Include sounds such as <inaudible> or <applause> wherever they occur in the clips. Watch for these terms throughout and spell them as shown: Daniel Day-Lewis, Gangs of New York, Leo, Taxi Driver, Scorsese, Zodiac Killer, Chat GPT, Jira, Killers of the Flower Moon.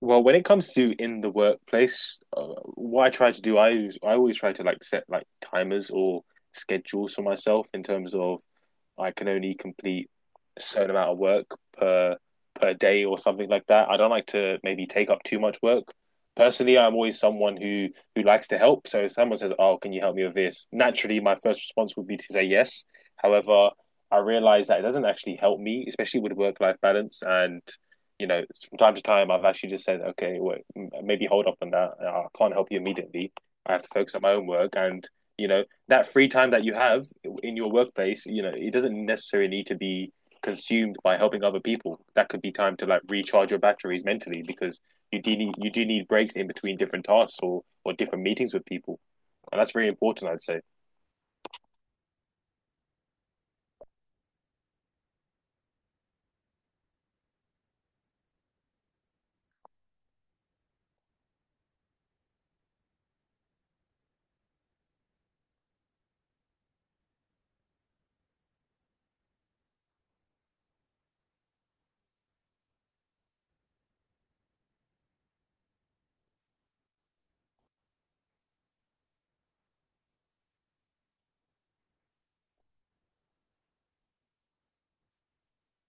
Well, when it comes to in the workplace, what I try to do, I always try to like set like timers or schedules for myself in terms of I can only complete a certain amount of work per per day or something like that. I don't like to maybe take up too much work. Personally, I'm always someone who likes to help. So if someone says, "Oh, can you help me with this?" Naturally, my first response would be to say yes. However, I realize that it doesn't actually help me, especially with work life balance. And you know, from time to time, I've actually just said, "Okay, well, maybe hold up on that. I can't help you immediately. I have to focus on my own work." And you know, that free time that you have in your workplace, you know, it doesn't necessarily need to be consumed by helping other people. That could be time to like recharge your batteries mentally because you do need breaks in between different tasks or different meetings with people, and that's very important, I'd say.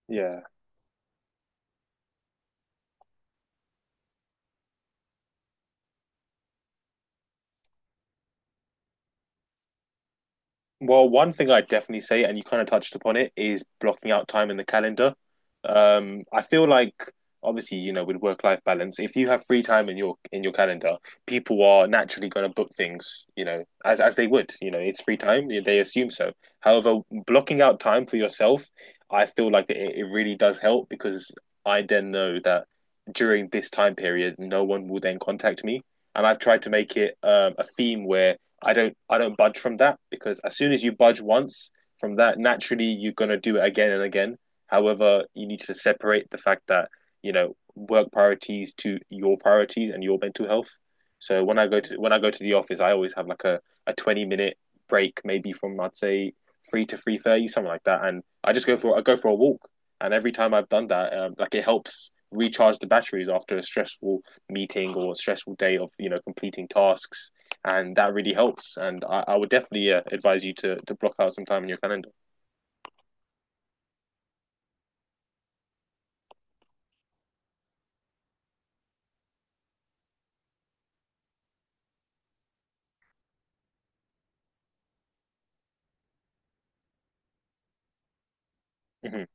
Yeah. Well, one thing I definitely say, and you kind of touched upon it, is blocking out time in the calendar. I feel like obviously, you know, with work-life balance, if you have free time in your calendar, people are naturally going to book things, you know, as they would. You know, it's free time, they assume so. However, blocking out time for yourself, I feel like it really does help because I then know that during this time period, no one will then contact me. And I've tried to make it a theme where I don't budge from that because as soon as you budge once from that, naturally you're gonna do it again and again. However, you need to separate the fact that you know work priorities to your priorities and your mental health. So when I go to the office, I always have like a 20-minute break, maybe from I'd say 3 to 3:30, something like that. And I go for a walk, and every time I've done that, like it helps recharge the batteries after a stressful meeting or a stressful day of you know completing tasks and that really helps. And I would definitely advise you to block out some time in your calendar. Mhm.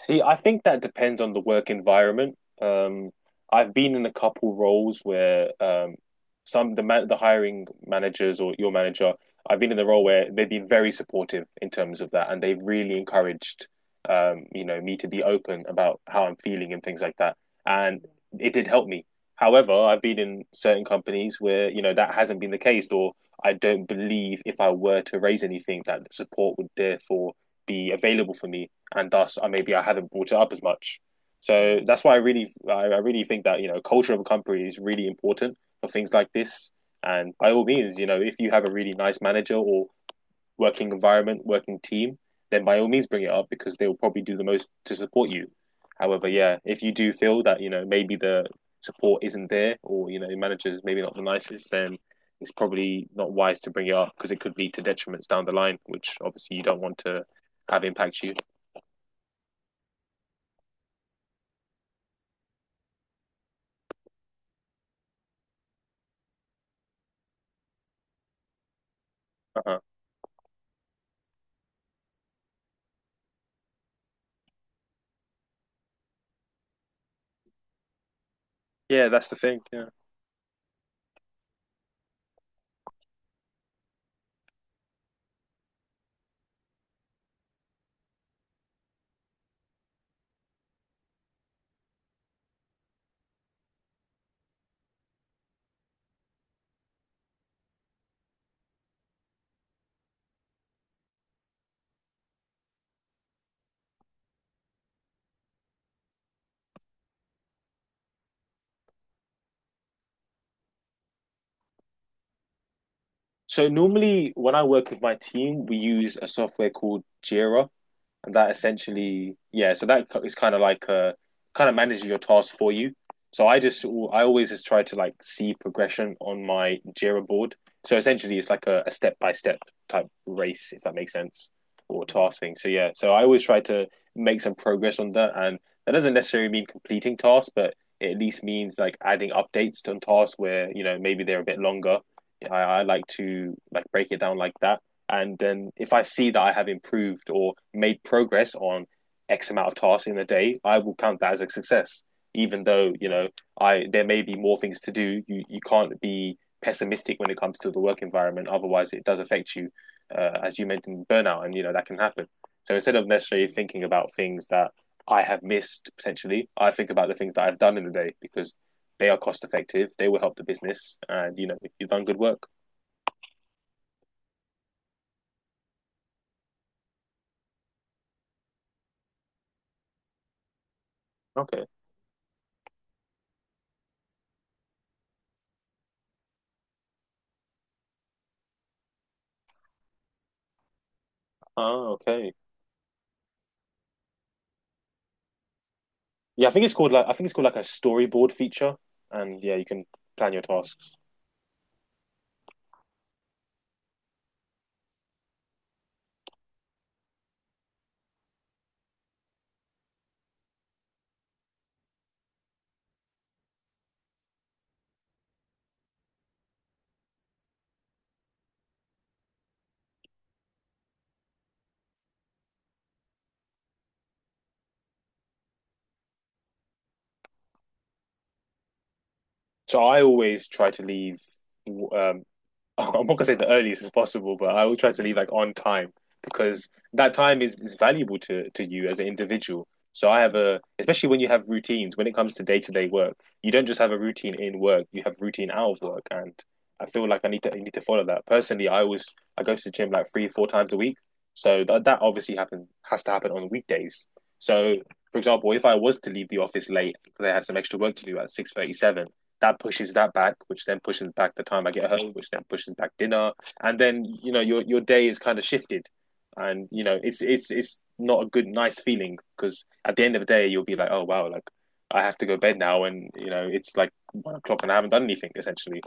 See, I think that depends on the work environment. I've been in a couple roles where the hiring managers or your manager, I've been in the role where they've been very supportive in terms of that, and they've really encouraged you know, me to be open about how I'm feeling and things like that. And it did help me. However, I've been in certain companies where, you know, that hasn't been the case, or I don't believe if I were to raise anything that the support would therefore be available for me and thus I maybe I haven't brought it up as much. So that's why I really think that you know culture of a company is really important for things like this. And by all means, you know, if you have a really nice manager or working environment, working team, then by all means bring it up because they will probably do the most to support you. However, yeah, if you do feel that you know maybe the support isn't there or you know managers maybe not the nicest, then it's probably not wise to bring it up because it could lead to detriments down the line, which obviously you don't want to have impact you. Uh-huh. Yeah, that's the thing. Yeah. So normally when I work with my team, we use a software called Jira, and that essentially, yeah, so that is kind of like kind of manages your tasks for you, so I always just try to like see progression on my Jira board. So essentially it's like a step-by-step type race, if that makes sense, or task thing. So yeah, so I always try to make some progress on that, and that doesn't necessarily mean completing tasks but it at least means like adding updates on tasks where you know maybe they're a bit longer. Yeah, I like to like break it down like that, and then if I see that I have improved or made progress on X amount of tasks in a day, I will count that as a success. Even though, you know, I there may be more things to do. You can't be pessimistic when it comes to the work environment. Otherwise, it does affect you, as you mentioned, burnout, and you know that can happen. So instead of necessarily thinking about things that I have missed potentially, I think about the things that I've done in the day because they are cost effective. They will help the business, and you know you've done good work. Okay. Oh, okay. Yeah, I think it's called like a storyboard feature, and yeah, you can plan your tasks. So I always try to leave um, <laughs> I'm not gonna say the earliest as possible, but I will try to leave like on time because that time is valuable to you as an individual. So I have a, especially when you have routines, when it comes to day-to-day work, you don't just have a routine in work, you have routine out of work, and I feel like I need to follow that. Personally, I go to the gym like three, four times a week, so that obviously happen has to happen on weekdays. So, for example, if I was to leave the office late because I had some extra work to do at 6:37, that pushes that back, which then pushes back the time I get home, which then pushes back dinner, and then you know your day is kind of shifted, and you know it's not a good nice feeling because at the end of the day you'll be like, oh wow, like I have to go to bed now, and you know it's like 1 o'clock and I haven't done anything essentially,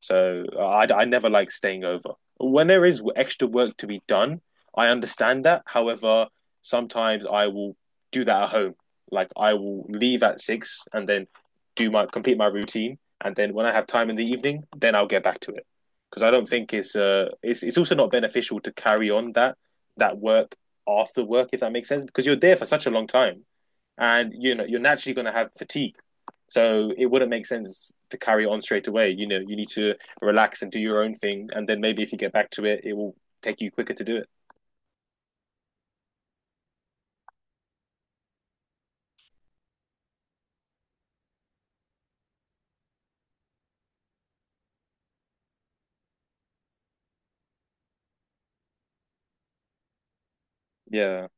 so I never like staying over. When there is extra work to be done, I understand that. However, sometimes I will do that at home. Like I will leave at six and then do my complete my routine and then when I have time in the evening, then I'll get back to it because I don't think it's also not beneficial to carry on that work after work, if that makes sense, because you're there for such a long time and you know you're naturally going to have fatigue, so it wouldn't make sense to carry on straight away. You know, you need to relax and do your own thing, and then maybe if you get back to it it will take you quicker to do it. Yeah,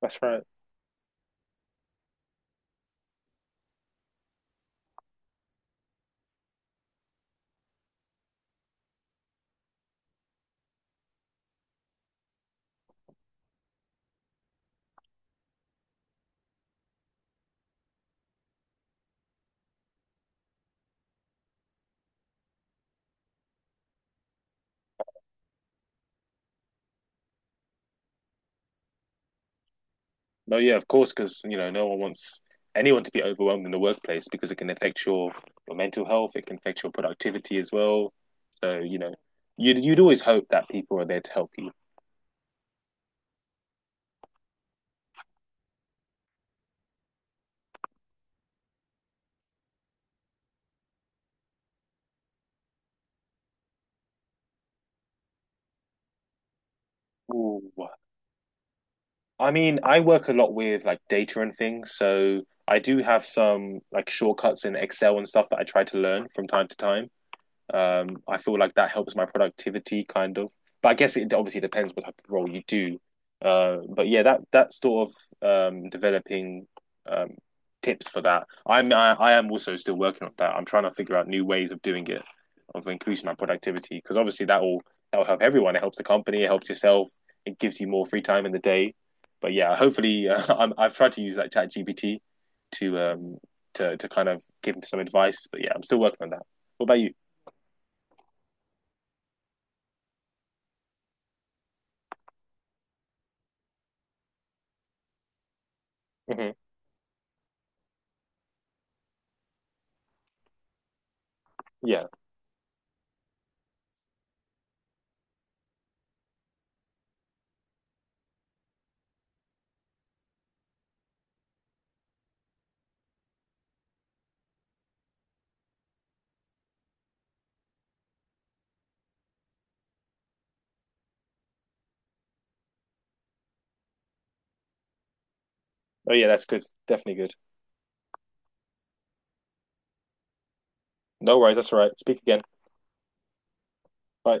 that's right. No, yeah, of course, because you know no one wants anyone to be overwhelmed in the workplace because it can affect your mental health. It can affect your productivity as well. So you know, you'd always hope that people are there to help you. Ooh. I mean, I work a lot with like data and things, so I do have some like shortcuts in Excel and stuff that I try to learn from time to time. I feel like that helps my productivity kind of, but I guess it obviously depends what type of role you do. But yeah, that sort of developing um, tips for that. I am also still working on that. I'm trying to figure out new ways of doing it, of increasing my productivity because obviously that will help everyone. It helps the company, it helps yourself, it gives you more free time in the day. But yeah, hopefully <laughs> I've tried to use that Chat GPT to to kind of give some advice. But yeah, I'm still working on that. What about you? Mm-hmm. Yeah. Oh yeah, that's good. Definitely good. No worries. That's all right. Speak again. Bye.